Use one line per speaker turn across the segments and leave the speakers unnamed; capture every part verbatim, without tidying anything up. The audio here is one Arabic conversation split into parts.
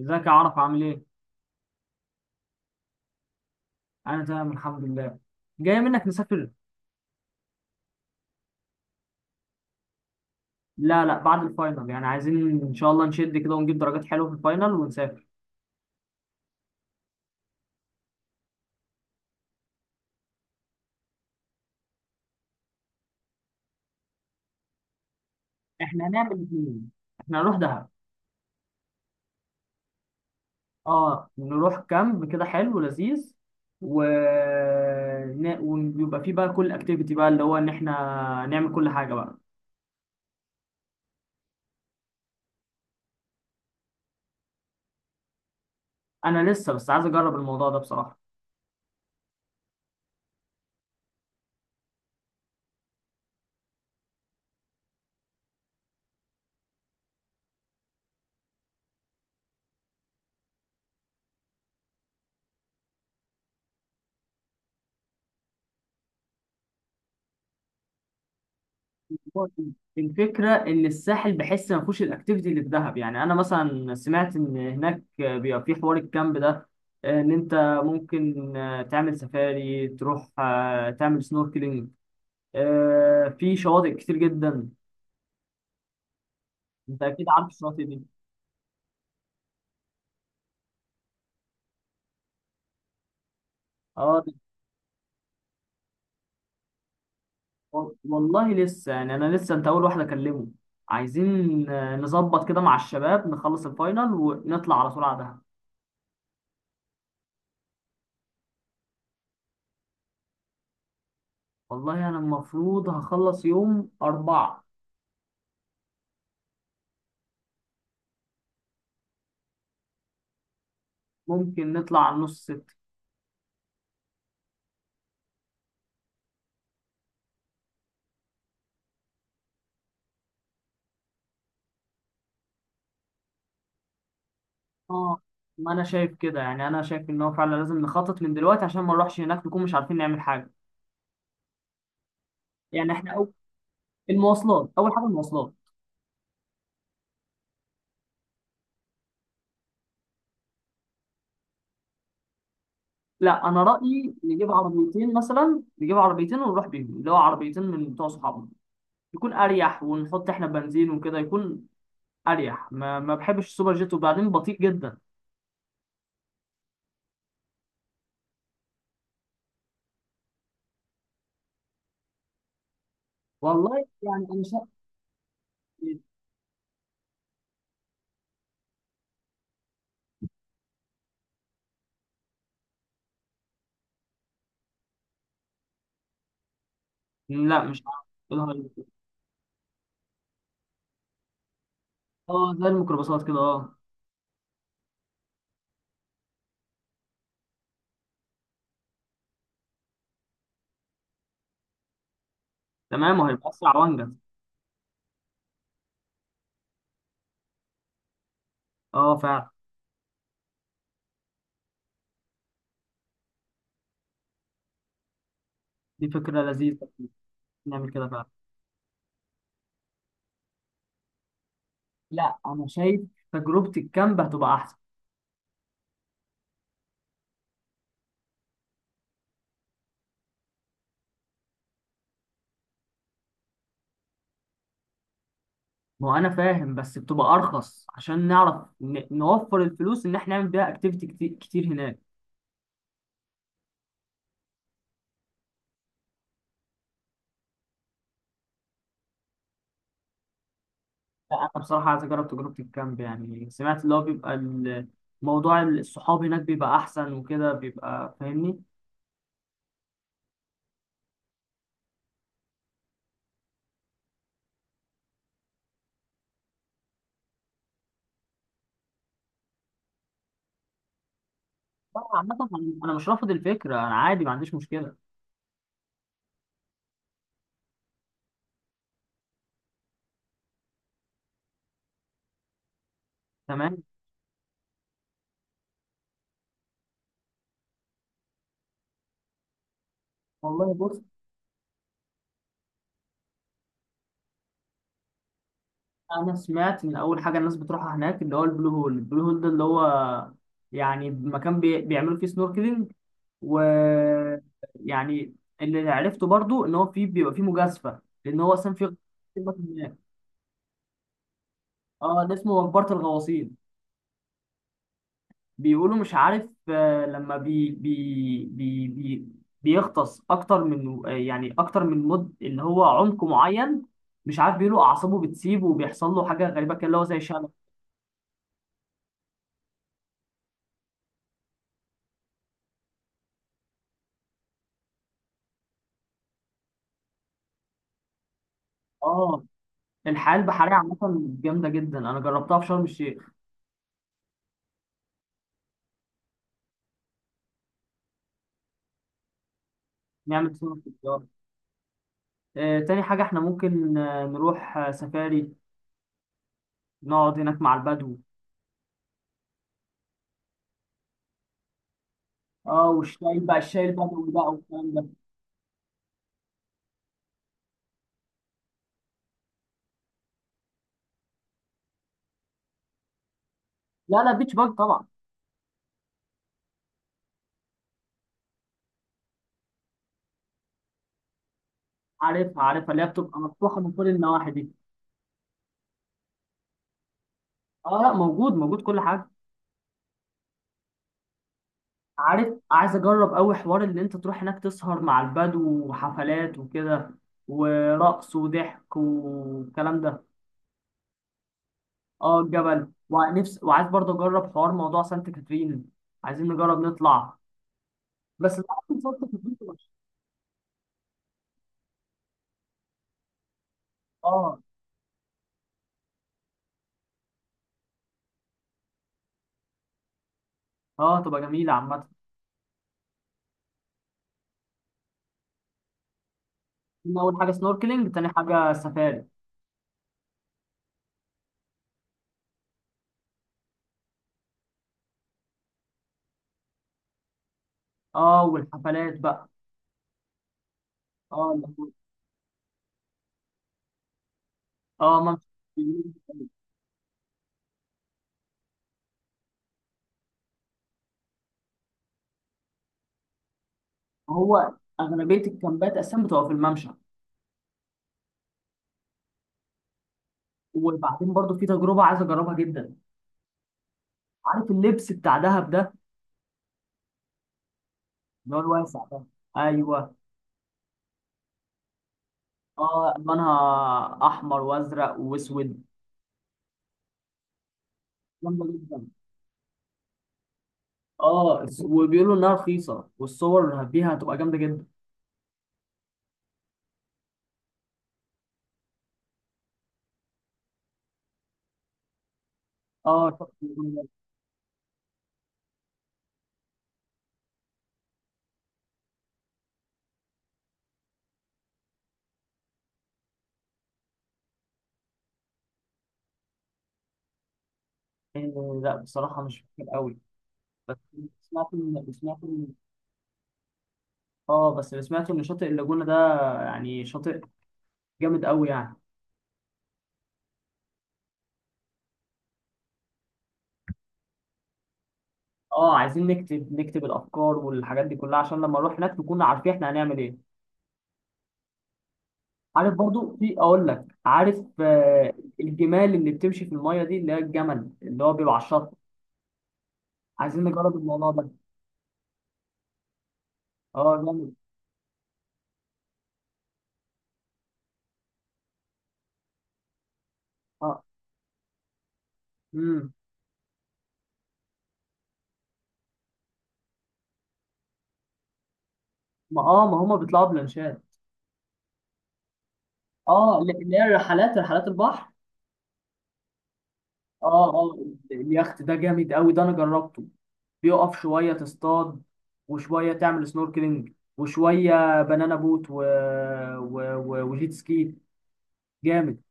ازيك يا عرف عامل ايه؟ انا تمام الحمد لله. جاي منك نسافر؟ لا لا، بعد الفاينل، يعني عايزين ان شاء الله نشد كده ونجيب درجات حلوه في الفاينل ونسافر. احنا هنعمل الاثنين، احنا هنروح دهب. اه، نروح كامب كده حلو ولذيذ و... ن- ويبقى فيه بقى كل اكتيفيتي بقى اللي هو ان احنا نعمل كل حاجه بقى. انا لسه بس عايز اجرب الموضوع ده بصراحه. هو الفكرة إن الساحل بحس ما فيهوش الأكتيفيتي اللي في دهب، يعني أنا مثلا سمعت إن هناك بيبقى في حوار الكامب ده، إن أنت ممكن آه، تعمل سفاري، تروح آه، تعمل سنوركلينج في شواطئ كتير جدا. أنت أكيد عارف الشواطئ دي. أه، والله لسه، يعني أنا لسه، أنت أول واحد أكلمه. عايزين آه، نظبط كده مع الشباب، نخلص الفاينل ونطلع على طول على دهب. والله أنا المفروض هخلص يوم أربعة. ممكن نطلع على نص ست. اه، ما انا شايف كده، يعني انا شايف ان هو فعلا لازم نخطط من دلوقتي عشان ما نروحش هناك نكون مش عارفين نعمل حاجه. يعني احنا أو المواصلات، اول حاجه المواصلات. لا، انا رايي نجيب عربيتين مثلا، نجيب عربيتين ونروح بيهم، اللي هو عربيتين من بتوع صحابنا، يكون اريح ونحط احنا بنزين وكده، يكون اريح. ما, ما بحبش السوبر جيت، وبعدين بطيء جدا. والله، يعني انا شايف. لا مش عارف. إيه الهايبر ده؟ اه زي الميكروباصات كده، اه. تمام، وهيبقى اسرع وانجز. اه فعلا. دي فكره لذيذه، نعمل كده فعلا. لا، انا شايف تجربة الكامب هتبقى احسن. ما هو انا فاهم، بس بتبقى ارخص عشان نعرف ن- نوفر الفلوس ان احنا نعمل بيها اكتيفيتي كتير، كتير هناك. لا، انا بصراحة عايز اجرب تجربة الكامب، يعني سمعت اللي هو بيبقى ال- موضوع الصحاب هناك بيبقى احسن وكده، بيبقى فاهمني. لا، عامة انا مش رافض الفكرة، انا عادي ما عنديش مشكلة. تمام. والله بص، انا سمعت ان اول حاجة الناس بتروحها هناك اللي هو البلو هول. البلو هول ده اللي هو يعني مكان بي- بيعملوا فيه سنوركلينج. ويعني اللي عرفته برضو ان هو في بيبقى في مجازفه، لان هو اصلا في. اه، ده اسمه مقبره الغواصين. بيقولوا مش عارف، آه، لما بي بي بي بي بيغطس اكتر من، آه، يعني اكتر من مد، اللي هو عمق معين، مش عارف، بيقولوا اعصابه بتسيب وبيحصل له حاجه غريبه كده اللي هو زي شلل. اه، الحياه البحريه عامه جامده جدا، انا جربتها في شرم الشيخ. نعمل سنة في الدار. آه، تاني حاجه احنا ممكن آه، نروح آه، سفاري، نقعد هناك مع البدو. اه، والشاي بقى، الشاي البدوي بقى، والكلام ده. لا لا، بيتش باجي طبعا. عارفها عارفها، اللي هي بتبقى مفتوحه من كل النواحي دي. اه لا، موجود موجود، كل حاجه. عارف، عايز اجرب قوي حوار اللي انت تروح هناك تسهر مع البدو، وحفلات وكده، ورقص وضحك والكلام ده. اه، الجبل، ونفس وعايز برضه اجرب حوار موضوع سانت كاترين. عايزين نجرب نطلع، بس لا. سانت كاترين تبقى- اه اه، تبقى جميله عامه. اول حاجه سنوركلينج، تاني حاجه سفاري. اه، والحفلات بقى. اه ال- اه، ممشى. هو اغلبيه الكامبات اساسا بتبقى في الممشى. وبعدين برضو في تجربه عايز اجربها جدا. عارف اللبس بتاع دهب ده، اللي هو الواسع ده؟ ايوه. اه، الوانها احمر وازرق واسود، جامده جدا. اه الس- وبيقولوا انها رخيصه، والصور اللي فيها هتبقى جامده جدا. اه طب- آه، لا بصراحه مش فاكر قوي. بس سمعت ان سمعت ان، اه بس اللي سمعته ان شاطئ اللاجونه ده، يعني شاطئ جامد قوي يعني. اه، عايزين نكتب نكتب الافكار والحاجات دي كلها عشان لما نروح هناك نكون عارفين احنا هنعمل ايه. عارف برضو في، اقول لك، عارف، آه، الجمال اللي بتمشي في الميه دي اللي هي الجمل اللي هو بيبقى على الشط. عايزين نجرب الموضوع ده. اه جامد. اه امم ما اه ما هما بيطلعوا بلانشات. اه اللي اللي هي الرحلات، رحلات البحر. اه اه، اليخت ده جامد قوي، ده انا جربته. بيقف شويه تصطاد، وشويه تعمل سنوركلينج، وشويه بنانا بوت و... و... و... وجيت سكي. جامد.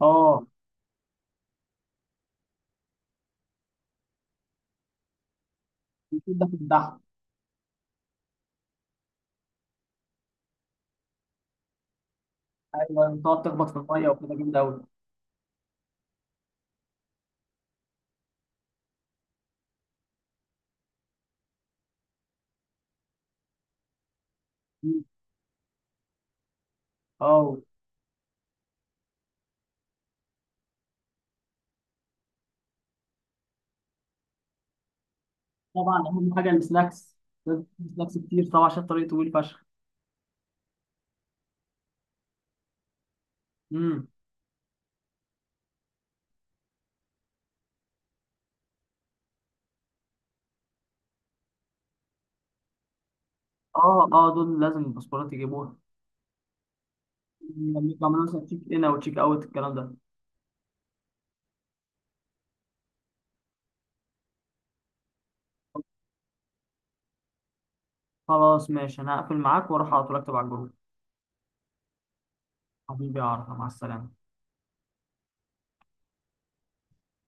اه الجيت ده في البحر. ايوه، تقعد تخبط في الميه وكده، جامد قوي. اه طبعا، اهم حاجه السناكس، لازم تجيب سناكس كتير طبعا عشان الطريق طويل فشخ. امم اه اه، دول لازم الباسبورات يجيبوها لما يبقى عملنا مثلا تشيك ان او تشيك اوت الكلام ده. خلاص ماشي، انا هقفل معاك واروح على طول اكتب على الجروب. حبيبي يا عرفة مع السلامة.